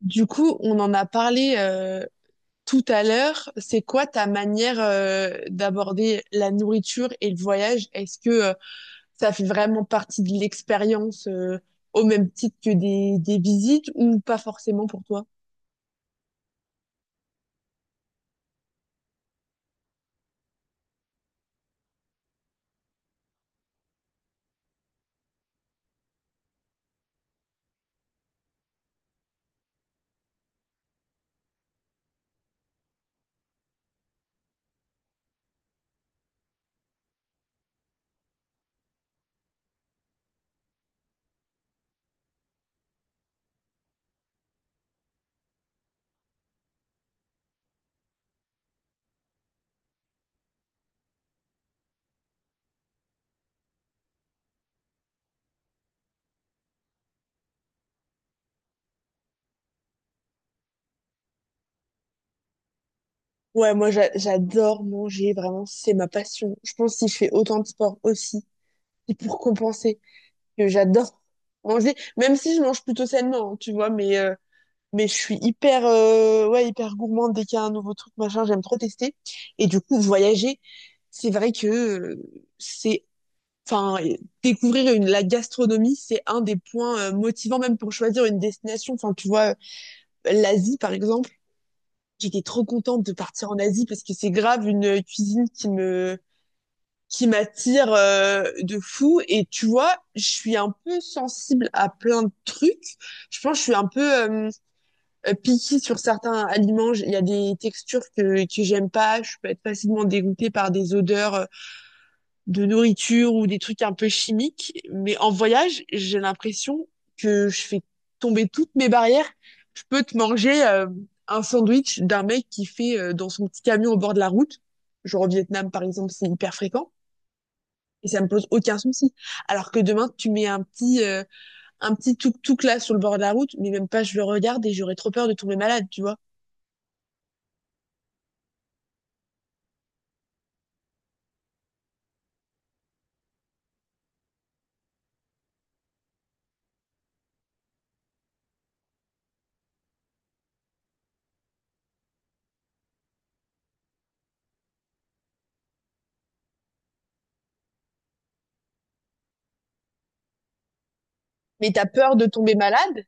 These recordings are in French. Du coup, on en a parlé tout à l'heure. C'est quoi ta manière d'aborder la nourriture et le voyage? Est-ce que ça fait vraiment partie de l'expérience au même titre que des visites ou pas forcément pour toi? Ouais, moi j'adore manger, vraiment, c'est ma passion. Je pense que si je fais autant de sport aussi, c'est pour compenser que j'adore manger, même si je mange plutôt sainement, hein, tu vois, mais... mais je suis hyper, ouais, hyper gourmande dès qu'il y a un nouveau truc, machin, j'aime trop tester. Et du coup, voyager, c'est vrai que c'est, enfin, euh, découvrir la gastronomie, c'est un des points motivants même pour choisir une destination. Enfin, tu vois, l'Asie, par exemple, j'étais trop contente de partir en Asie parce que c'est grave une cuisine qui m'attire de fou. Et tu vois, je suis un peu sensible à plein de trucs. Je pense que je suis un peu... euh, picky sur certains aliments. Il y a des textures que j'aime pas. Je peux être facilement dégoûtée par des odeurs de nourriture ou des trucs un peu chimiques. Mais en voyage, j'ai l'impression que je fais tomber toutes mes barrières. Je peux te manger un sandwich d'un mec qui fait dans son petit camion au bord de la route. Genre au Vietnam, par exemple, c'est hyper fréquent. Et ça me pose aucun souci. Alors que demain, tu mets un un petit tuk-tuk là sur le bord de la route, mais même pas je le regarde et j'aurais trop peur de tomber malade, tu vois. Mais tu as peur de tomber malade.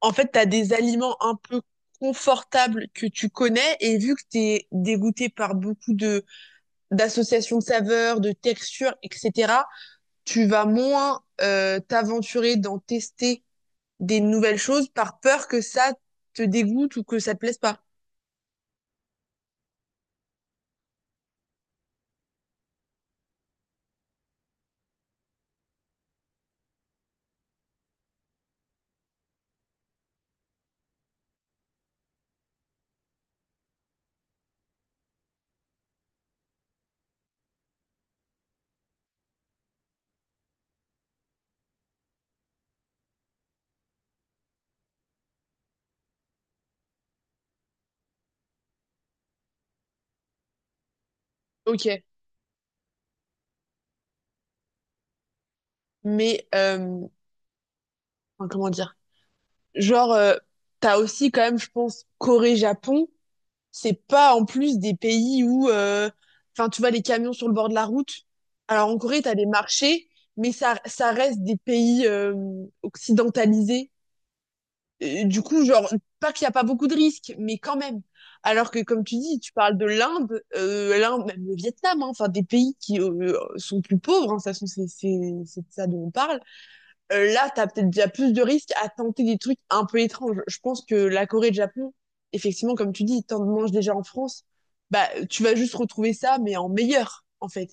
En fait, tu as des aliments un peu confortables que tu connais, et vu que tu es dégoûté par beaucoup de d'associations de saveurs, de textures, etc., tu vas moins t'aventurer d'en tester des nouvelles choses par peur que ça te dégoûte ou que ça te plaise pas. Ok. Mais enfin, comment dire. Genre, t'as aussi quand même, je pense, Corée-Japon. C'est pas en plus des pays où, enfin, tu vois les camions sur le bord de la route. Alors en Corée, t'as des marchés, mais ça reste des pays occidentalisés. Du coup, genre, pas qu'il n'y a pas beaucoup de risques, mais quand même. Alors que, comme tu dis, tu parles de l'Inde, l'Inde, même le Vietnam, hein, enfin des pays qui sont plus pauvres, hein, de toute façon, c'est de ça dont on parle, là, t'as peut-être déjà plus de risques à tenter des trucs un peu étranges. Je pense que la Corée et le Japon, effectivement, comme tu dis, t'en manges déjà en France, bah, tu vas juste retrouver ça, mais en meilleur, en fait.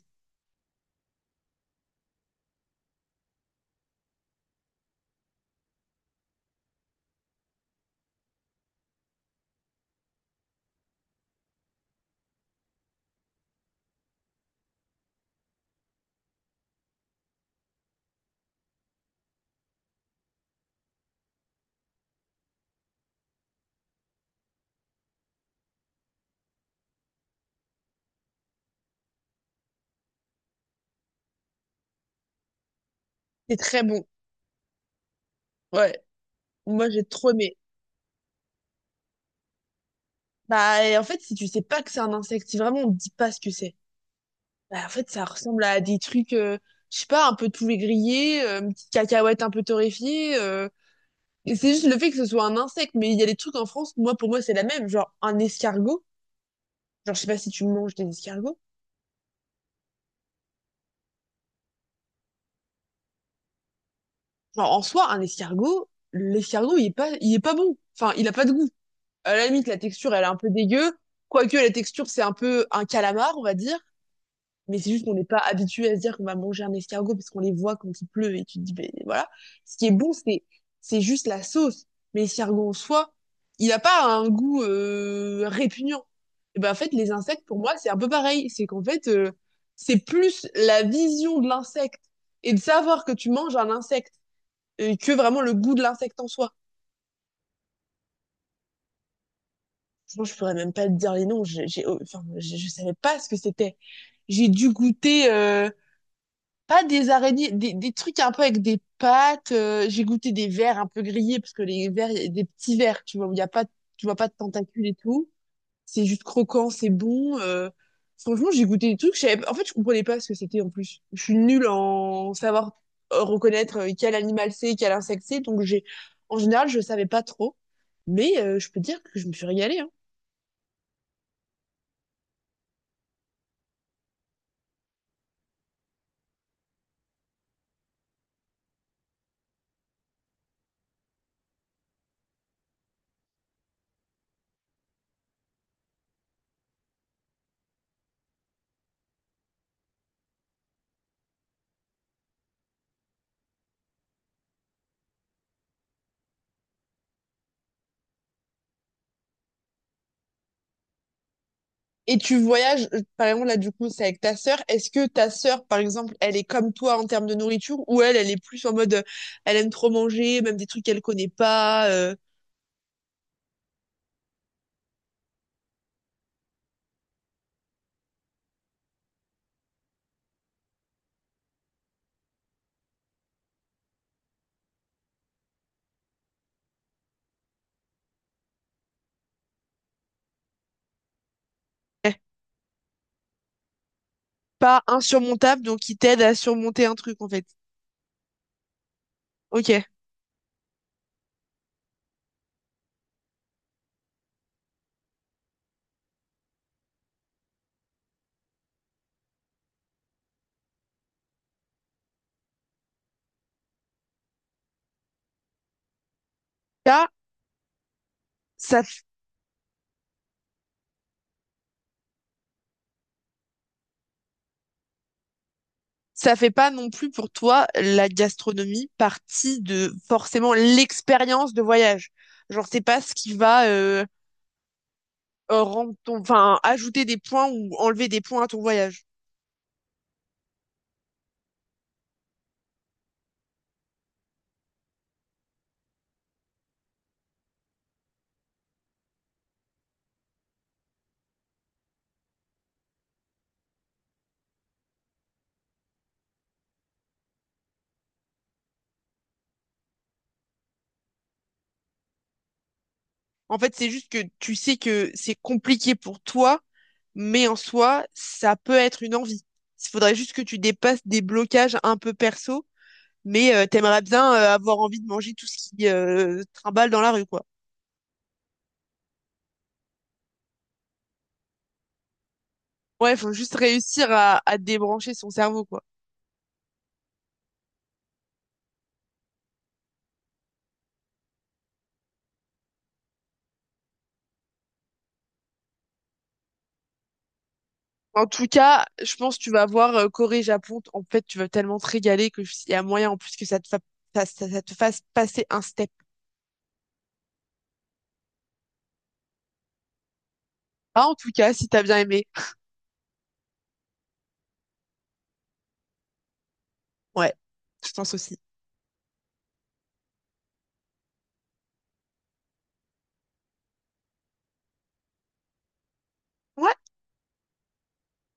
C'est très bon. Ouais. Moi, j'ai trop aimé. Bah, et en fait, si tu sais pas que c'est un insecte, si vraiment on te dit pas ce que c'est, bah, en fait, ça ressemble à des trucs, je sais pas, un peu poulet grillé, une petite cacahuète un peu torréfiée, et c'est juste le fait que ce soit un insecte, mais il y a des trucs en France, moi, pour moi, c'est la même. Genre, un escargot. Genre, je sais pas si tu manges des escargots. Genre, en soi, un escargot, l'escargot, il est pas bon. Enfin, il a pas de goût. À la limite, la texture, elle est un peu dégueu. Quoique, la texture, c'est un peu un calamar, on va dire. Mais c'est juste qu'on n'est pas habitué à se dire qu'on va manger un escargot parce qu'on les voit quand il pleut et tu te dis, ben voilà. Ce qui est bon, c'est juste la sauce. Mais l'escargot en soi, il n'a pas un goût répugnant. Et ben, en fait, les insectes, pour moi, c'est un peu pareil. C'est qu'en fait, c'est plus la vision de l'insecte et de savoir que tu manges un insecte et que vraiment le goût de l'insecte en soi. Franchement, je pourrais même pas te dire les noms. Enfin, je savais pas ce que c'était. J'ai dû goûter pas des araignées, des trucs un peu avec des pattes. J'ai goûté des vers un peu grillés parce que les vers, il y a des petits vers, tu vois, où il y a pas, tu vois pas de tentacules et tout. C'est juste croquant, c'est bon. Franchement, j'ai goûté des trucs. En fait, je comprenais pas ce que c'était en plus. Je suis nulle en savoir reconnaître quel animal c'est, quel insecte c'est. Donc, j'ai... en général, je savais pas trop. Mais je peux dire que je me suis régalée, hein. Et tu voyages, par exemple, là, du coup, c'est avec ta sœur. Est-ce que ta sœur, par exemple, elle est comme toi en termes de nourriture, ou elle est plus en mode, elle aime trop manger, même des trucs qu'elle connaît pas, eh, pas insurmontable, donc qui t'aide à surmonter un truc, en fait. Ok. Ça, ça ça fait pas non plus pour toi la gastronomie partie de forcément l'expérience de voyage. Genre, c'est pas ce qui va rendre ton, enfin, ajouter des points ou enlever des points à ton voyage. En fait, c'est juste que tu sais que c'est compliqué pour toi, mais en soi, ça peut être une envie. Il faudrait juste que tu dépasses des blocages un peu perso, mais t'aimerais bien avoir envie de manger tout ce qui trimballe dans la rue, quoi. Ouais, faut juste réussir à débrancher son cerveau, quoi. En tout cas, je pense que tu vas voir Corée-Japon. En fait, tu vas tellement te régaler que il y a moyen en plus que ça ça te fasse passer un step. Ah, en tout cas, si t'as bien aimé. Ouais, je pense aussi. Ouais.